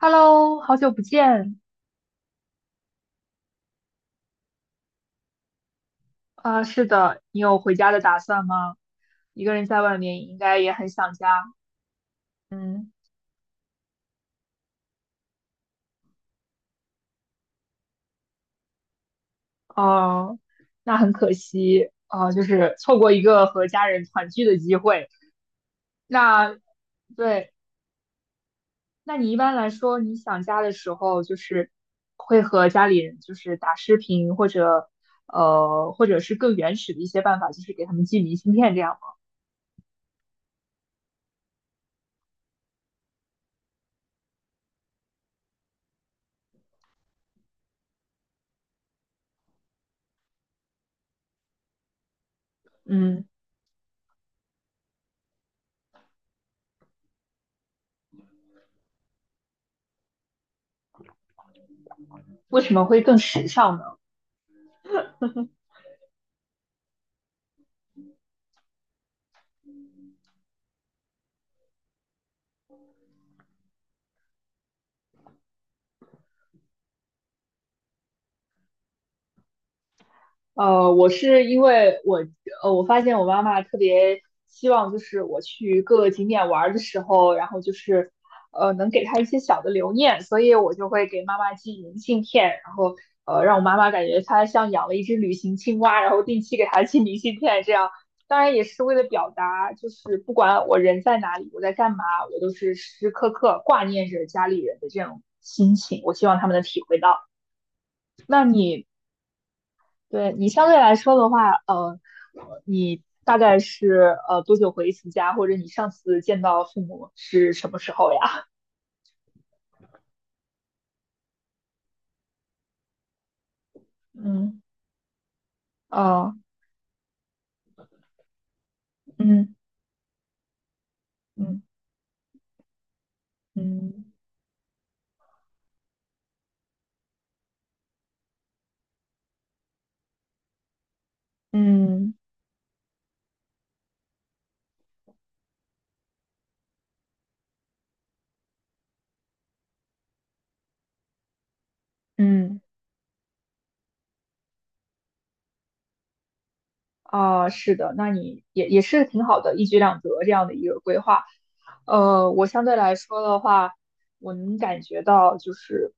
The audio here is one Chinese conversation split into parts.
Hello，好久不见。是的，你有回家的打算吗？一个人在外面应该也很想家。嗯。哦、那很可惜，就是错过一个和家人团聚的机会。那对，那你一般来说，你想家的时候，会和家里人就是打视频，或者或者是更原始的一些办法，就是给他们寄明信片这样吗。嗯。为什么会更时尚呢？我是因为我我发现我妈妈特别希望，就是我去各个景点玩儿的时候，然后就是能给她一些小的留念，所以我就会给妈妈寄明信片，然后让我妈妈感觉她像养了一只旅行青蛙，然后定期给她寄明信片，这样当然也是为了表达，就是不管我人在哪里，我在干嘛，我都是时时刻刻挂念着家里人的这种心情，我希望他们能体会到。那你对你相对来说的话，你大概是多久回一次家，或者你上次见到父母是什么时候呀？嗯。哦。嗯嗯嗯嗯嗯。嗯。啊，是的，那你也是挺好的，一举两得这样的一个规划。我相对来说的话，我能感觉到就是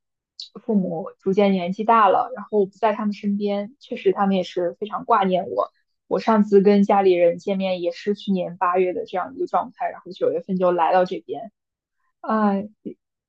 父母逐渐年纪大了，然后我不在他们身边，确实他们也是非常挂念我。我上次跟家里人见面也是去年8月的这样一个状态，然后9月份就来到这边。哎，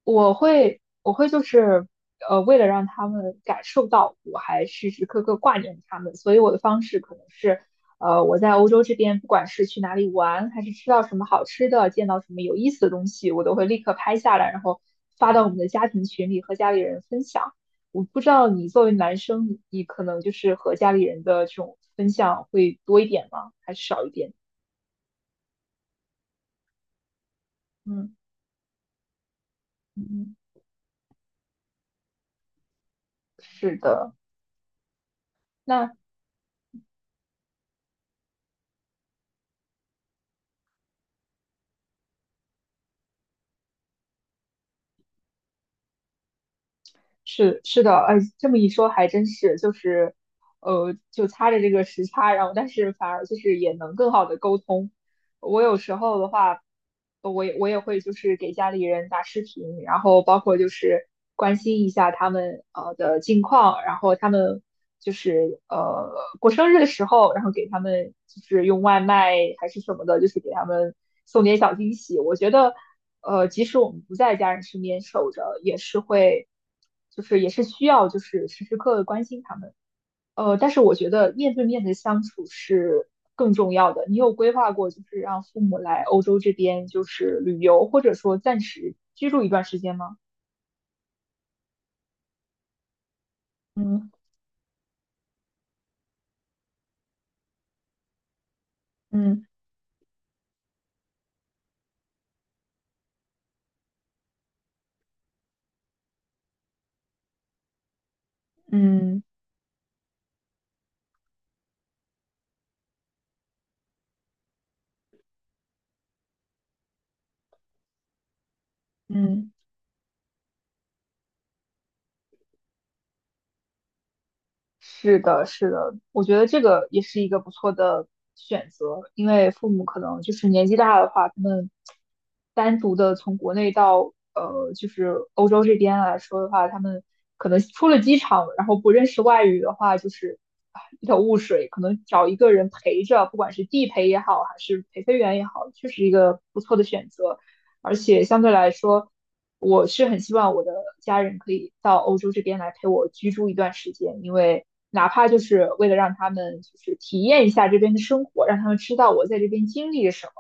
我会就是为了让他们感受到我还时时刻刻挂念他们，所以我的方式可能是，我在欧洲这边，不管是去哪里玩，还是吃到什么好吃的，见到什么有意思的东西，我都会立刻拍下来，然后发到我们的家庭群里和家里人分享。我不知道你作为男生，你可能就是和家里人的这种分享会多一点吗？还是少一点？嗯。嗯。嗯。是的。那是，是的，哎，这么一说还真是，就是，就擦着这个时差，然后但是反而就是也能更好的沟通，我有时候的话，我也会就是给家里人打视频，然后包括就是关心一下他们的近况，然后他们就是过生日的时候，然后给他们就是用外卖还是什么的，就是给他们送点小惊喜。我觉得即使我们不在家人身边守着，也是需要就是时时刻刻关心他们。但是我觉得面对面的相处是更重要的。你有规划过，就是让父母来欧洲这边就是旅游，或者说暂时居住一段时间吗？嗯嗯嗯嗯。是的，是的，我觉得这个也是一个不错的选择，因为父母可能就是年纪大的话，他们单独的从国内到就是欧洲这边来说的话，他们可能出了机场，然后不认识外语的话，就是啊一头雾水，可能找一个人陪着，不管是地陪也好，还是陪飞员也好，确实一个不错的选择，而且相对来说。我是很希望我的家人可以到欧洲这边来陪我居住一段时间，因为哪怕就是为了让他们就是体验一下这边的生活，让他们知道我在这边经历了什么，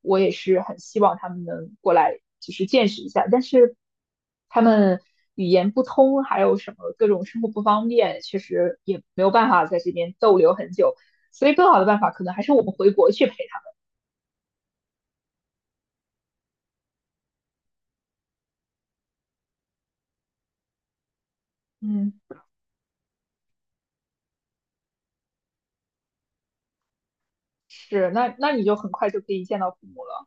我也是很希望他们能过来就是见识一下。但是他们语言不通，还有什么各种生活不方便，确实也没有办法在这边逗留很久。所以更好的办法可能还是我们回国去陪他。嗯。是，那那你就很快就可以见到父母了。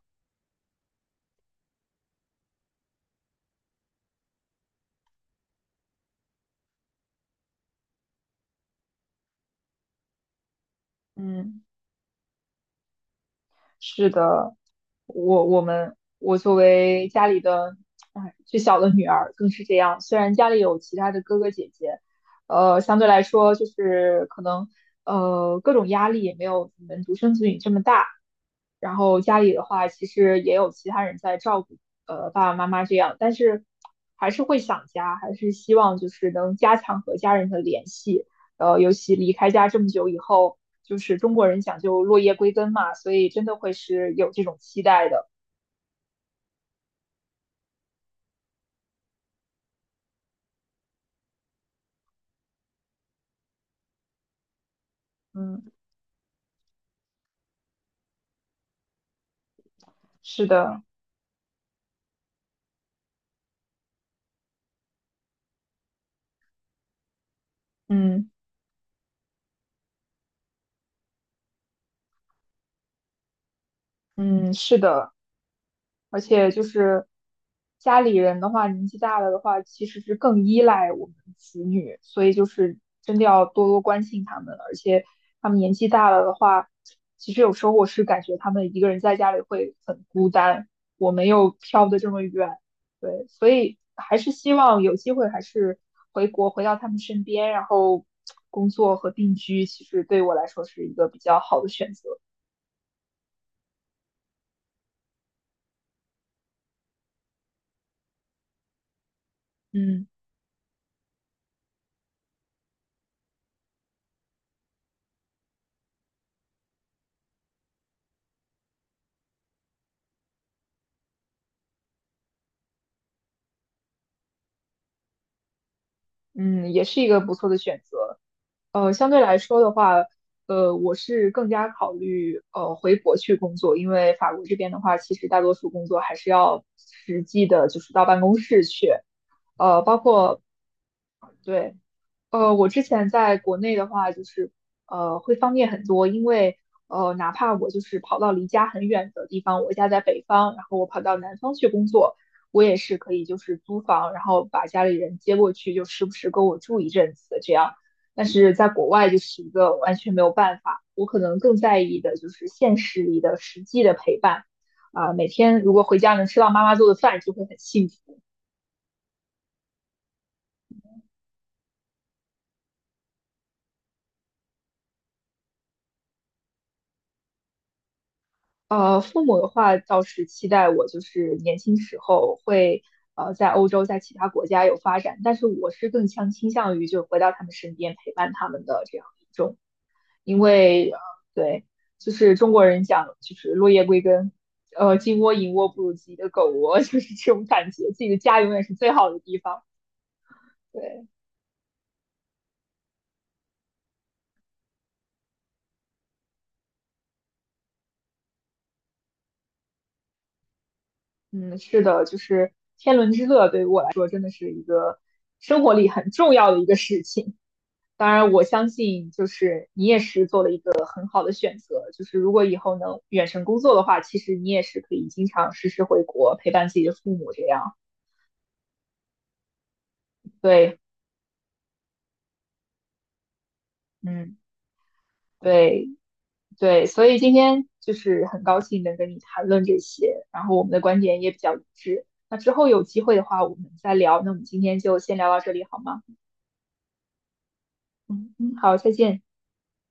嗯。是的，我作为家里的哎最小的女儿更是这样。虽然家里有其他的哥哥姐姐，相对来说就是可能各种压力也没有你们独生子女这么大。然后家里的话，其实也有其他人在照顾，爸爸妈妈这样，但是还是会想家，还是希望就是能加强和家人的联系。尤其离开家这么久以后，就是中国人讲究落叶归根嘛，所以真的会是有这种期待的。嗯，是的，嗯嗯，是的。而且就是家里人的话，年纪大了的话，其实是更依赖我们子女，所以就是真的要多多关心他们。而且他们年纪大了的话，其实有时候我是感觉他们一个人在家里会很孤单，我没有飘的这么远，对，所以还是希望有机会还是回国回到他们身边，然后工作和定居，其实对我来说是一个比较好的选择。嗯嗯，也是一个不错的选择。相对来说的话，我是更加考虑回国去工作，因为法国这边的话，其实大多数工作还是要实际的，就是到办公室去，包括对。我之前在国内的话，就是会方便很多，因为哪怕我就是跑到离家很远的地方，我家在北方，然后我跑到南方去工作，我也是可以就是租房，然后把家里人接过去，就时不时跟我住一阵子这样。但是在国外就是一个完全没有办法，我可能更在意的就是现实里的实际的陪伴，每天如果回家能吃到妈妈做的饭，就会很幸福。父母的话倒是期待我就是年轻时候会在欧洲，在其他国家有发展，但是我是更倾向于就回到他们身边陪伴他们的这样一种，因为对，就是中国人讲就是落叶归根，金窝银窝不如自己的狗窝，就是这种感觉，自己的家永远是最好的地方。对，嗯，是的，就是天伦之乐对于我来说真的是一个生活里很重要的一个事情。当然，我相信就是你也是做了一个很好的选择，就是如果以后能远程工作的话，其实你也是可以经常时时回国陪伴自己的父母这样。对，嗯，对，对，所以今天就是很高兴能跟你谈论这些，然后我们的观点也比较一致。那之后有机会的话，我们再聊。那我们今天就先聊到这里好吗？嗯嗯，好，再见。